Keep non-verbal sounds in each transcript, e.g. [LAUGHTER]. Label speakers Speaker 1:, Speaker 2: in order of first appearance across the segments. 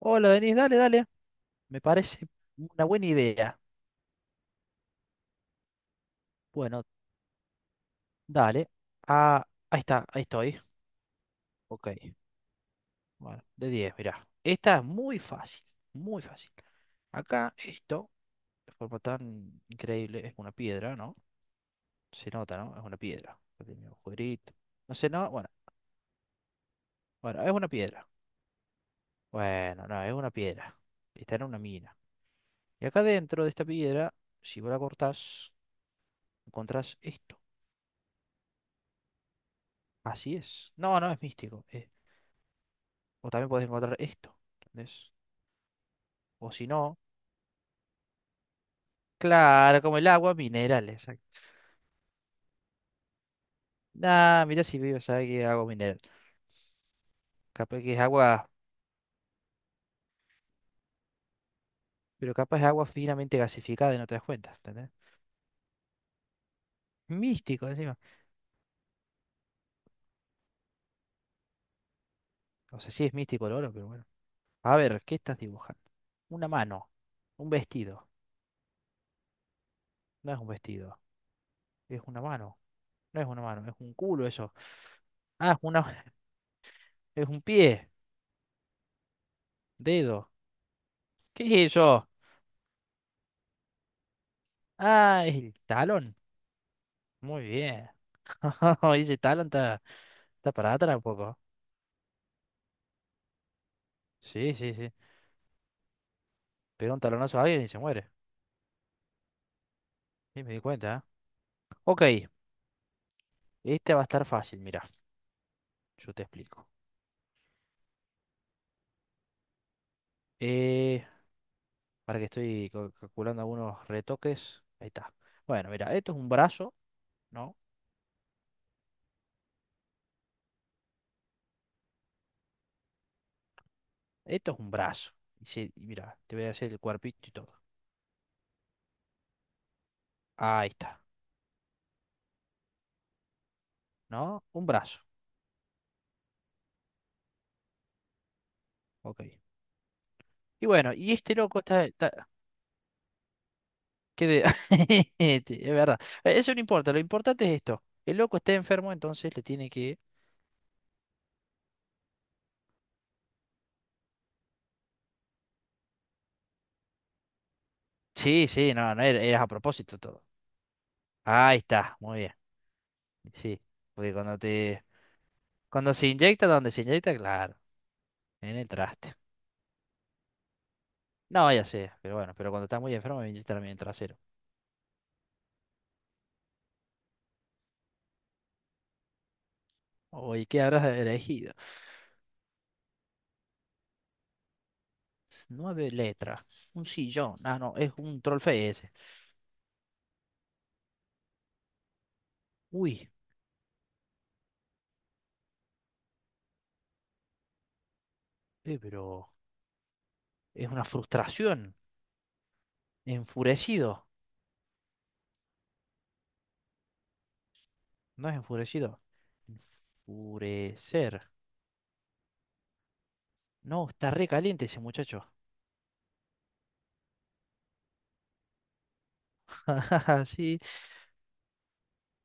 Speaker 1: Hola, Denis, dale, dale. Me parece una buena idea. Bueno, dale. Ah, ahí está, ahí estoy. Ok. Bueno, de 10. Mirá. Esta es muy fácil, muy fácil. Acá esto, de forma tan increíble, es una piedra, ¿no? Se nota, ¿no? Es una piedra. Pequeño agujerito. No sé, no, bueno, es una piedra. Bueno, no, es una piedra. Está en una mina. Y acá dentro de esta piedra, si vos la cortás, encontrás esto. Así es. No, no es místico. O también puedes encontrar esto, ¿entendés? O si no, claro, como el agua, minerales exacto. Ah, mira si vivo, sabe que es agua mineral. Capaz que es agua, pero capaz es agua finamente gasificada y no te das cuenta, ¿entendés? Místico encima. O sea, sí es místico el oro, pero bueno. A ver, ¿qué estás dibujando? Una mano, un vestido. No es un vestido, es una mano. No es una mano, es un culo eso. Ah, es una, [LAUGHS] es un pie, dedo. ¿Qué es eso? Ah, es el talón. Muy bien. [LAUGHS] Dice talón, está, está para atrás un poco. Sí, sí, sí. Pega un talonazo a alguien y se muere. Sí, me di cuenta, ¿eh? Ok, este va a estar fácil, mira, yo te explico. Eh, para que estoy calculando algunos retoques. Ahí está. Bueno, mira, esto es un brazo, ¿no? Esto es un brazo. Y sí, y mira, te voy a hacer el cuerpito y todo. Ahí está, ¿no? Un brazo. Ok. Y bueno, y este loco está... está- ¿qué de- [LAUGHS] este, es verdad. Eso no importa, lo importante es esto. El loco está enfermo, entonces le tiene que... Sí, sí, no, no, era a propósito todo. Ahí está, muy bien. Sí, porque cuando te, cuando se inyecta, donde se inyecta, claro, en el traste. No, ya sé, pero bueno, pero cuando estás muy enfermo me inyectan a mí en el trasero. Oye, ¿qué habrás elegido? Nueve letras, un sillón. Ah, no, es un trollface ese. Uy, pero es una frustración. Enfurecido. No es enfurecido. Enfurecer. No, está re caliente ese muchacho. [LAUGHS] Sí,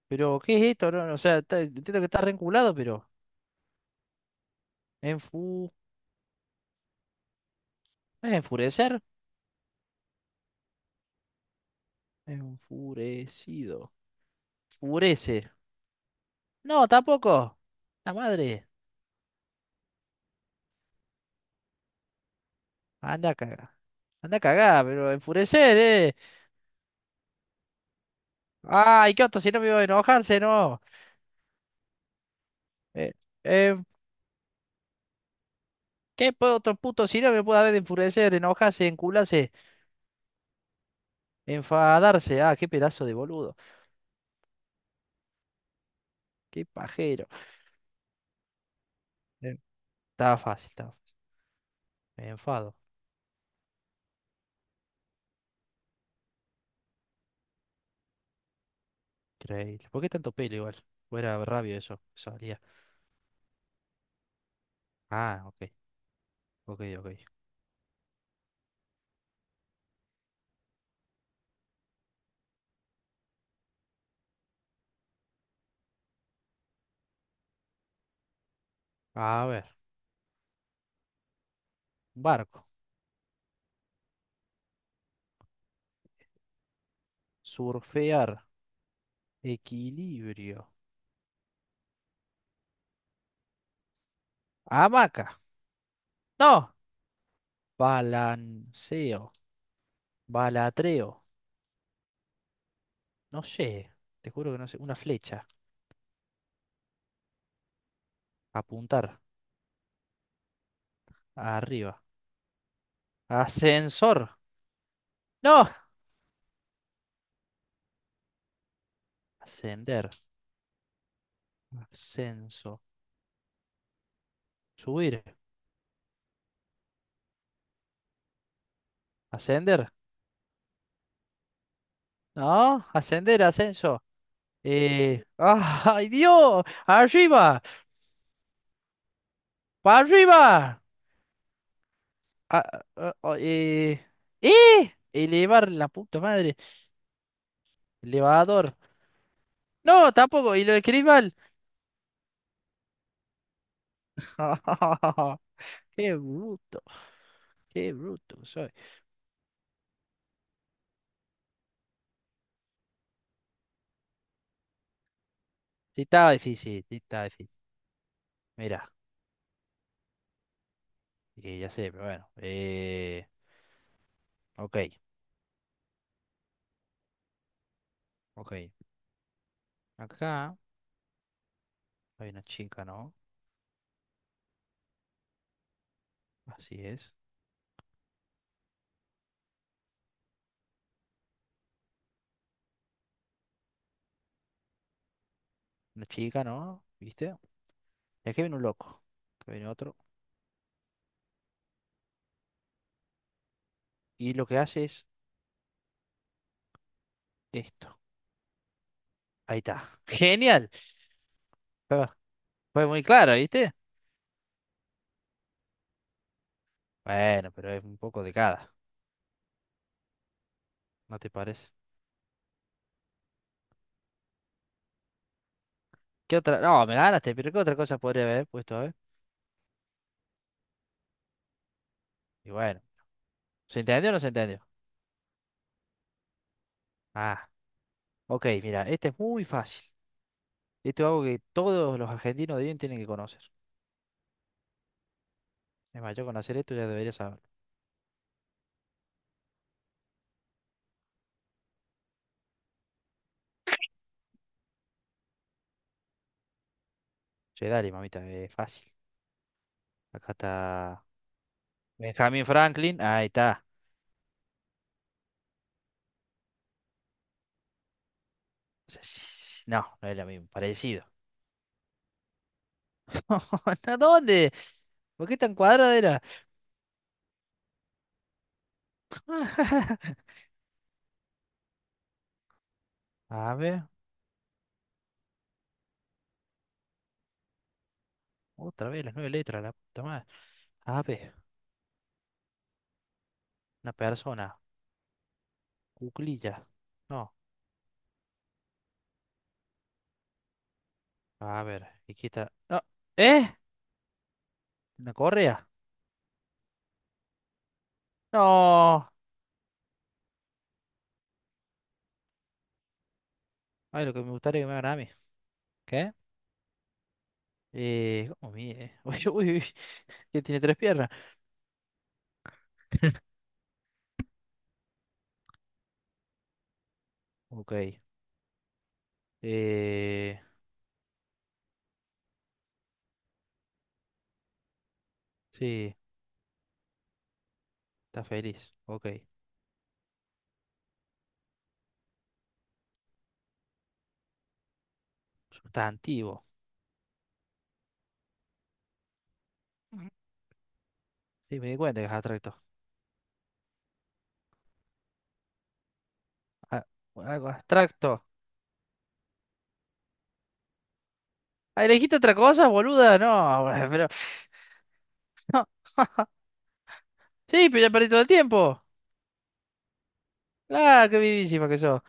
Speaker 1: pero ¿qué es esto? No, no, o sea, está- entiendo que está re enculado, pero... ¿Enfurecer? Enfurecido. Furece. No, tampoco. La madre. Anda a cagar. Anda a cagar, pero enfurecer, eh. Ay, qué otro sinónimo de enojarse, no. Eh, eh, ¿Qué po- otro puto sinónimo puede haber de enfurecer, enojarse, encularse, enfadarse? Ah, qué pedazo de boludo. Qué pajero. Eh, Estaba fácil, estaba fácil. Me enfado. Increíble. ¿Por qué tanto pelo igual? Fuera rabio eso. Salía. Ah, ok. Ok, ok. A ver. Barco. Surfear. Equilibrio. Hamaca. No. Balanceo. Balatreo. No sé. Te juro que no sé. Una flecha. Apuntar. Arriba. Ascensor. No. Ascender. Ascenso. Subir. Ascender. No. Ascender. Ascenso. [LAUGHS] ¡Ay, Dios! ¡Arriba! ¡Para arriba! Ah, ah, ah, eh, ¡Eh! Elevar la puta madre. Elevador. No, tampoco, y lo escribí mal. [LAUGHS] Qué bruto, qué bruto soy. Sí, estaba difícil, sí, estaba difícil. Mira, ya sé, pero bueno. Ok, ok. Acá hay una chica, ¿no? Así es. Una chica, ¿no? ¿Viste? Y aquí viene un loco. Aquí viene otro. Y lo que hace es esto. Ahí está. [LAUGHS] Genial. Fue, fue muy claro, ¿viste? Bueno, pero es un poco de cada, ¿no te parece? ¿Qué otra? No, me ganaste, pero ¿qué otra cosa podría haber puesto, a ver? Y bueno. ¿Se entendió o no se entendió? Ah, ok, mira, este es muy fácil. Esto es algo que todos los argentinos de bien tienen que conocer. Es más, yo con hacer esto ya debería saberlo. Che, dale, mamita, es fácil. Acá está Benjamin Franklin, ahí está. O sea, sí, no, no es lo mismo, parecido. [LAUGHS] ¿A dónde? ¿Por qué tan cuadrada era? [LAUGHS] A ver, otra vez las nueve letras, la puta madre. A ver, una persona, cuclilla. No, a ver, aquí está. No, ¿eh? ¿Una correa? No. Ay, lo que me gustaría que me hagan a mí. ¿Qué? ¿Cómo mide? [LAUGHS] Uy, uy, uy, que tiene tres piernas. [LAUGHS] Ok. Eh, sí, está feliz. Ok. Sustantivo. Ujú. Sí, me di cuenta que es abstracto. Ah, algo abstracto. Ah, elegiste otra cosa, boluda. No, [LAUGHS] pero. [LAUGHS] Sí, pero ya perdí todo el tiempo. Ah, qué vivísima que sos.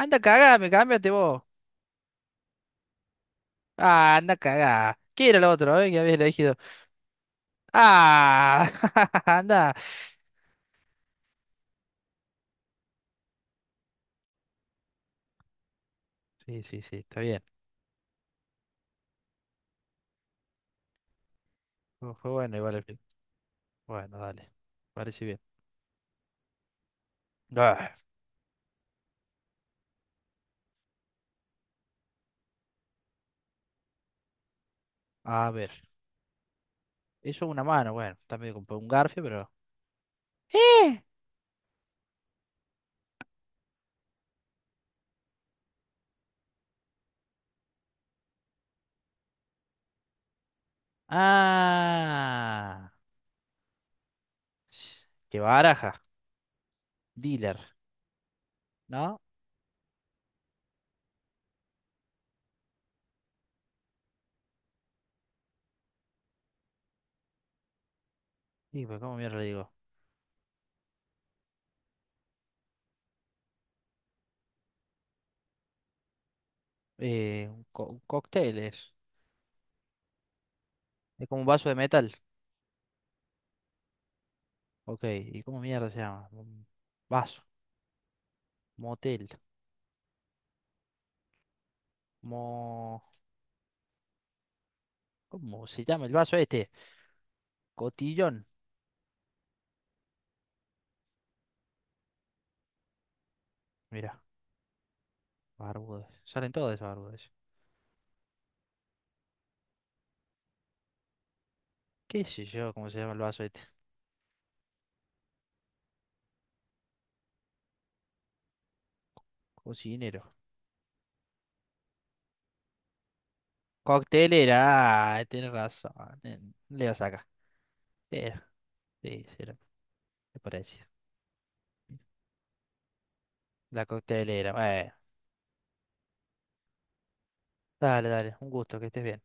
Speaker 1: Anda, cagame, cámbiate vos. Ah, anda, cagá. ¿Qué era lo otro, eh? Que habías elegido. Ah, [LAUGHS] anda. Sí, sí, sí, está bien. Fue bueno igual el fin. Bueno, dale. Parece bien. Ah, a ver. Eso una mano, bueno. También compré un garfio, pero. ¡Eh! ¡Ah! ¡Qué baraja! Dealer, ¿no? Y pues, ¿cómo mierda le digo? Un cóctel es. Es como un vaso de metal. Ok, ¿y cómo mierda se llama? Un vaso. Motel. Mo... ¿Cómo se llama el vaso este? Cotillón. Mira, barbudos. Salen todos esos barbudos. ¿Qué sé yo cómo se llama el vaso este? Cocinero. Coctelera. Ah, tienes razón. eh, Le vas acá. Era, sí, sí, era, me parece. La coctelera. Bueno, dale, dale. Un gusto, que estés bien.